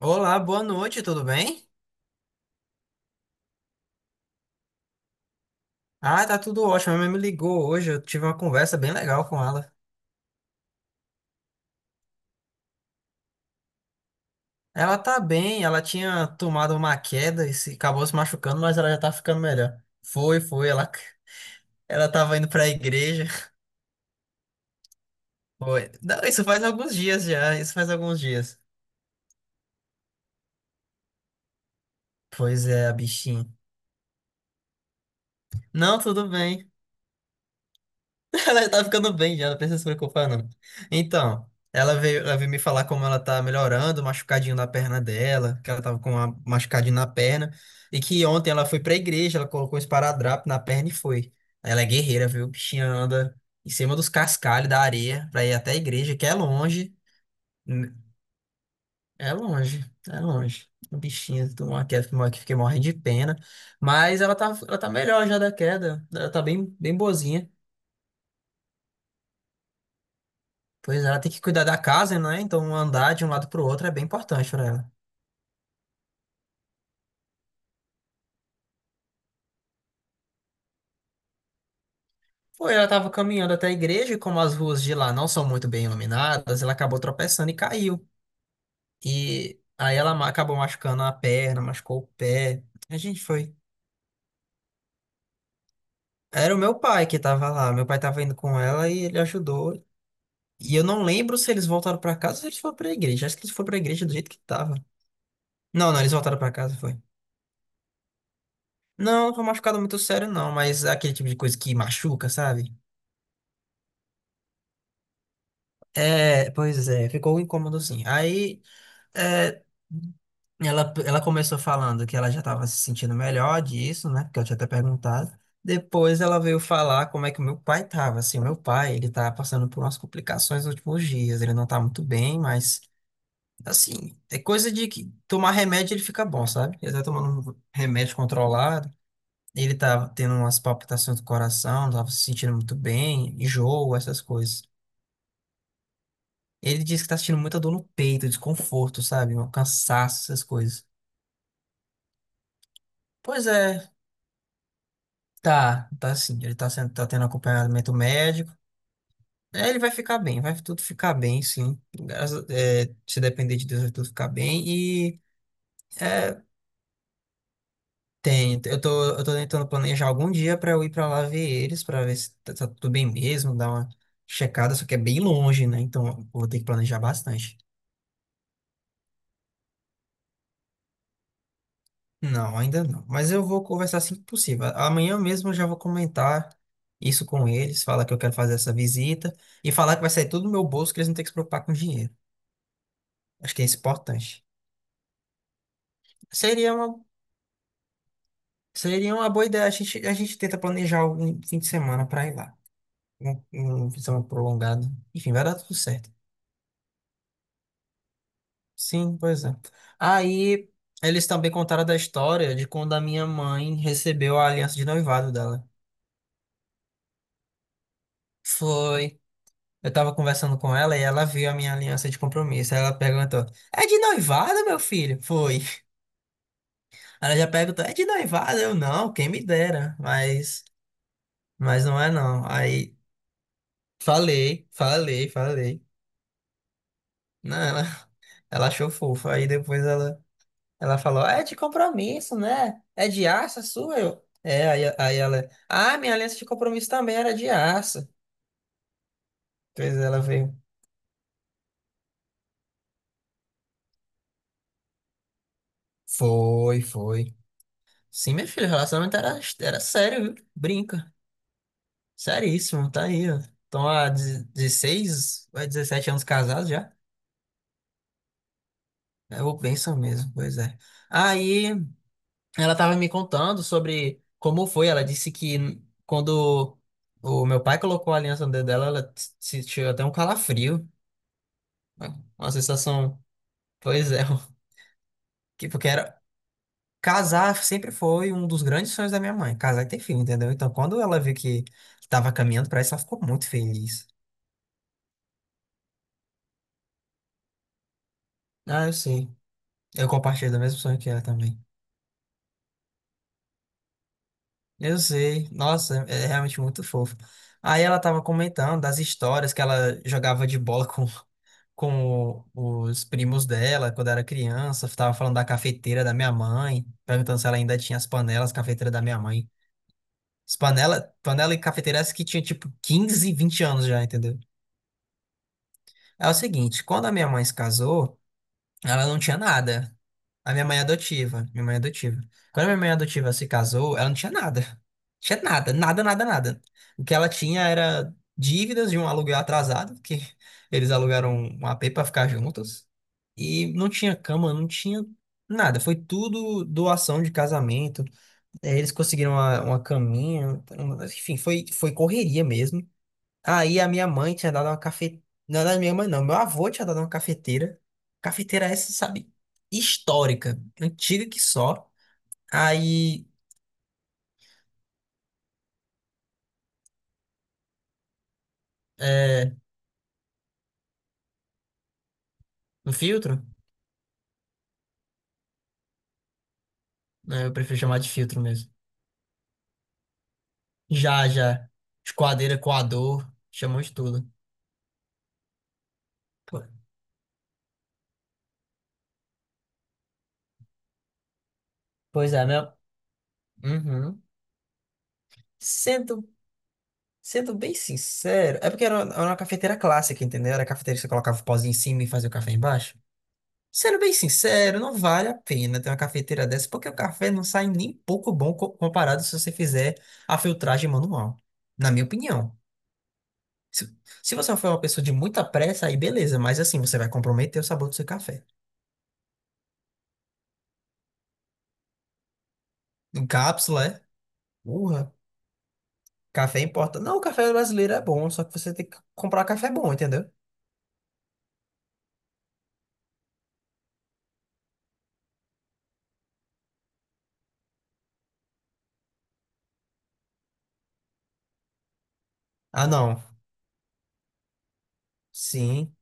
Olá, boa noite, tudo bem? Ah, tá tudo ótimo. Minha mãe me ligou hoje, eu tive uma conversa bem legal com ela. Ela tá bem, ela tinha tomado uma queda e se, acabou se machucando, mas ela já tá ficando melhor. Foi, foi, ela tava indo pra igreja. Foi. Não, isso faz alguns dias já, isso faz alguns dias. Pois é, a bichinha. Não, tudo bem. Ela já tá ficando bem já, não precisa se preocupar, não. Então, ela veio me falar como ela tá melhorando, machucadinho na perna dela, que ela tava com uma machucadinho na perna, e que ontem ela foi pra igreja, ela colocou um esparadrapo na perna e foi. Ela é guerreira, viu? Bichinha anda em cima dos cascalhos da areia pra ir até a igreja, que é longe. Hum, É longe, é longe. O bichinho tomou uma queda, que fiquei morrendo de pena. Mas ela tá melhor já da queda. Ela tá bem, bem boazinha. Pois é, ela tem que cuidar da casa, né? Então um andar de um lado para o outro é bem importante para ela. Foi, ela estava caminhando até a igreja e como as ruas de lá não são muito bem iluminadas, ela acabou tropeçando e caiu. E aí ela acabou machucando a perna, machucou o pé. A gente foi. Era o meu pai que estava lá. Meu pai estava indo com ela e ele ajudou. E eu não lembro se eles voltaram para casa ou se eles foram para a igreja. Acho que eles foram para a igreja do jeito que estava. Não, não, eles voltaram para casa, foi. Não, não foi machucado muito sério, não, mas é aquele tipo de coisa que machuca, sabe? É, pois é, ficou um incômodo assim. Aí é, ela começou falando que ela já estava se sentindo melhor disso, né? Porque eu tinha até perguntado. Depois ela veio falar como é que o meu pai estava. Assim, o meu pai, ele tá passando por umas complicações nos últimos dias. Ele não tá muito bem, mas assim, é coisa de que tomar remédio ele fica bom, sabe? Ele tá tomando um remédio controlado. Ele tava tendo umas palpitações do coração, não tava se sentindo muito bem, enjoo, essas coisas. Ele disse que tá sentindo muita dor no peito, desconforto, sabe? Um cansaço, essas coisas. Pois é, tá, tá sim. Ele tá tendo acompanhamento médico. É, ele vai ficar bem, vai tudo ficar bem, sim. Se depender de Deus, vai tudo ficar bem. É, tem, eu tô, eu tô tentando planejar algum dia pra eu ir pra lá ver eles, pra ver se tá tudo bem mesmo, dar uma checada, só que é bem longe, né? Então eu vou ter que planejar bastante. Não, ainda não. Mas eu vou conversar assim que possível. Amanhã mesmo eu já vou comentar isso com eles, falar que eu quero fazer essa visita e falar que vai sair tudo do meu bolso, que eles não têm que se preocupar com dinheiro. Acho que é isso importante. Seria uma, seria uma boa ideia. A gente tenta planejar algum fim de semana para ir lá. Um, um fim de semana prolongado. Enfim, vai dar tudo certo. Sim, pois é. Aí eles também contaram da história de quando a minha mãe recebeu a aliança de noivado dela. Foi. Eu tava conversando com ela e ela viu a minha aliança de compromisso. Aí ela perguntou: É de noivado, meu filho? Foi. Ela já perguntou: É de noivado? Eu não, quem me dera. Mas não é não. Aí falei, falei, falei. Não, ela achou fofo. Aí depois ela falou: É de compromisso, né? É de aço a sua? Eu. É, aí ela: Ah, minha aliança de compromisso também era de aço. Depois ela veio: Foi, foi. Sim, meu filho. O relacionamento era sério, viu? Brinca. Seríssimo, tá aí, ó. Estão há 16 ou é 17 anos casados já. É o benção mesmo, pois é. Aí ela tava me contando sobre como foi. Ela disse que quando o meu pai colocou a aliança no dedo dela, ela sentiu até um calafrio. Uma sensação, pois é, porque era. Casar sempre foi um dos grandes sonhos da minha mãe, casar e ter filho, entendeu? Então, quando ela viu que tava caminhando pra isso, ela ficou muito feliz. Ah, eu sei. Eu compartilho do mesmo sonho que ela também. Eu sei, nossa, é realmente muito fofo. Aí ela tava comentando das histórias que ela jogava de bola com, com os primos dela quando era criança. Tava falando da cafeteira da minha mãe, perguntando se ela ainda tinha as panelas, cafeteira da minha mãe. As panela e cafeteira essa que tinha tipo 15, 20 anos já, entendeu? É o seguinte, quando a minha mãe se casou. Ela não tinha nada. A minha mãe adotiva. Quando a minha mãe adotiva se casou, ela não tinha nada. Tinha nada, nada, nada, nada. O que ela tinha era dívidas de um aluguel atrasado, que eles alugaram um A p para ficar juntos. E não tinha cama, não tinha nada. Foi tudo doação de casamento. Eles conseguiram uma caminha. Enfim, foi correria mesmo. Aí a minha mãe tinha dado uma cafeteira. Não, não, é minha mãe não. Meu avô tinha dado uma cafeteira. Cafeteira essa, sabe? Histórica. Antiga que só. Aí. É, um filtro? Né, eu prefiro chamar de filtro mesmo. Já, já. Esquadeira, coador. Chamou de tudo. Po- Pois é, meu. Uhum. Sendo, sendo bem sincero. É porque era uma cafeteira clássica, entendeu? Era a cafeteira que você colocava o pozinho em cima e fazia o café embaixo. Sendo bem sincero, não vale a pena ter uma cafeteira dessa, porque o café não sai nem pouco bom comparado se você fizer a filtragem manual, na minha opinião. Se, se você for uma pessoa de muita pressa, aí beleza, mas assim, você vai comprometer o sabor do seu café. Em cápsula, é? Urra, café importa. Não, o café brasileiro é bom, só que você tem que comprar um café bom, entendeu? Ah, não. Sim.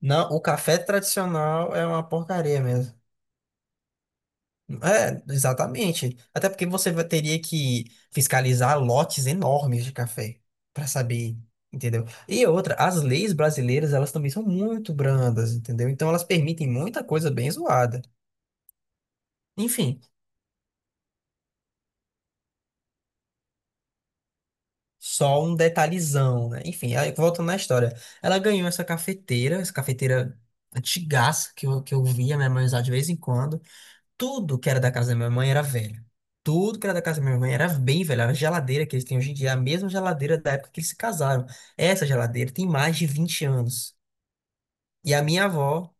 Não, o café tradicional é uma porcaria mesmo. É, exatamente. Até porque você teria que fiscalizar lotes enormes de café para saber, entendeu? E outra, as leis brasileiras, elas também são muito brandas, entendeu? Então elas permitem muita coisa bem zoada. Enfim, só um detalhezão, né? Enfim, aí, voltando na história. Ela ganhou essa cafeteira antigaça que eu, via minha mãe usar de vez em quando. Tudo que era da casa da minha mãe era velho. Tudo que era da casa da minha mãe era bem velho. Era a geladeira que eles têm hoje em dia, é a mesma geladeira da época que eles se casaram. Essa geladeira tem mais de 20 anos. E a minha avó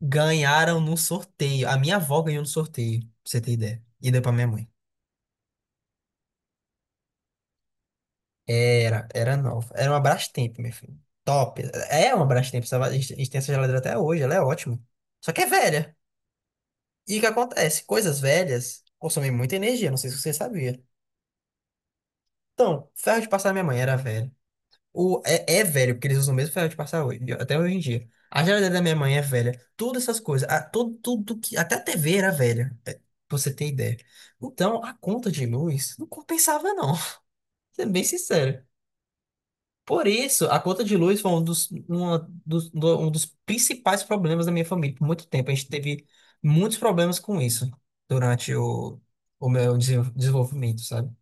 ganharam no sorteio. A minha avó ganhou no sorteio, pra você ter ideia. E deu pra minha mãe. Era nova. Era uma Brastemp, meu filho. Top. É uma Brastemp. A gente tem essa geladeira até hoje, ela é ótima. Só que é velha. E o que acontece? Coisas velhas consomem muita energia, não sei se você sabia. Então, ferro de passar da minha mãe era velho. O, é velho, porque eles usam o mesmo ferro de passar hoje, até hoje em dia. A geladeira da minha mãe é velha. Todas essas coisas. Tudo que, até a TV era velha. Pra você ter ideia. Então, a conta de luz não compensava, não. Sendo bem sincero. Por isso, a conta de luz foi um dos, uma dos- do- um dos principais problemas da minha família por muito tempo. A gente teve muitos problemas com isso durante o meu desenvolvimento, sabe?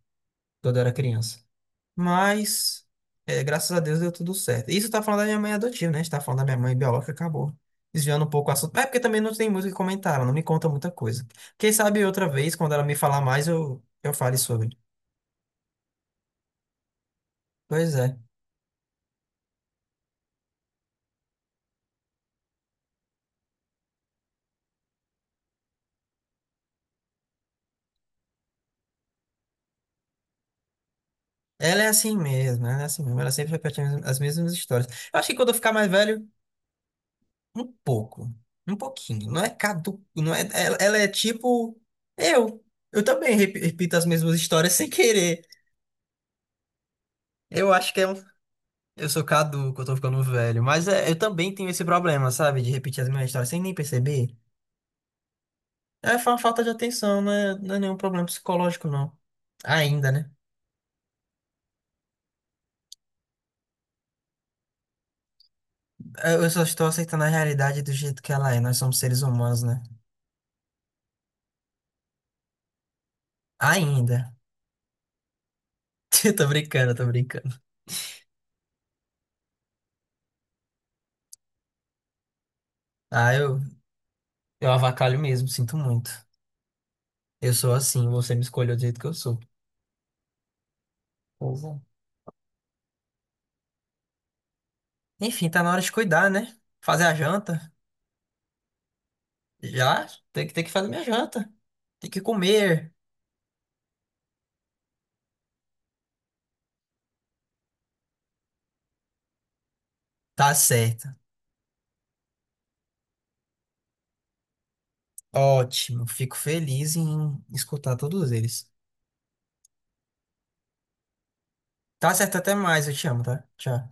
Quando eu era criança. Mas, graças a Deus deu tudo certo. Isso tá falando da minha mãe adotiva, né? A gente tá falando da minha mãe biológica, acabou. Desviando um pouco o assunto. É porque também não tem muito o que comentar, ela não me conta muita coisa. Quem sabe outra vez, quando ela me falar mais, eu fale sobre. Pois é. Ela é assim mesmo, ela é assim mesmo. Ela sempre repete as mesmas histórias. Eu acho que quando eu ficar mais velho, um pouco. Um pouquinho. Não é. Ela é tipo eu. Eu também repito as mesmas histórias sem querer. Eu acho que é um Eu sou caduco, eu tô ficando velho. Mas eu também tenho esse problema, sabe? De repetir as mesmas histórias sem nem perceber. É falta de atenção, não é, não é nenhum problema psicológico, não. Ainda, né? Eu só estou aceitando a realidade do jeito que ela é. Nós somos seres humanos, né? Ainda. Eu tô brincando, eu tô brincando. Ah, eu avacalho mesmo, sinto muito. Eu sou assim, você me escolheu do jeito que eu sou. Pois é. Enfim, tá na hora de cuidar, né? Fazer a janta. Já? Tem que fazer minha janta. Tem que comer. Tá certo. Ótimo, fico feliz em escutar todos eles. Tá certo, até mais, eu te amo, tá? Tchau.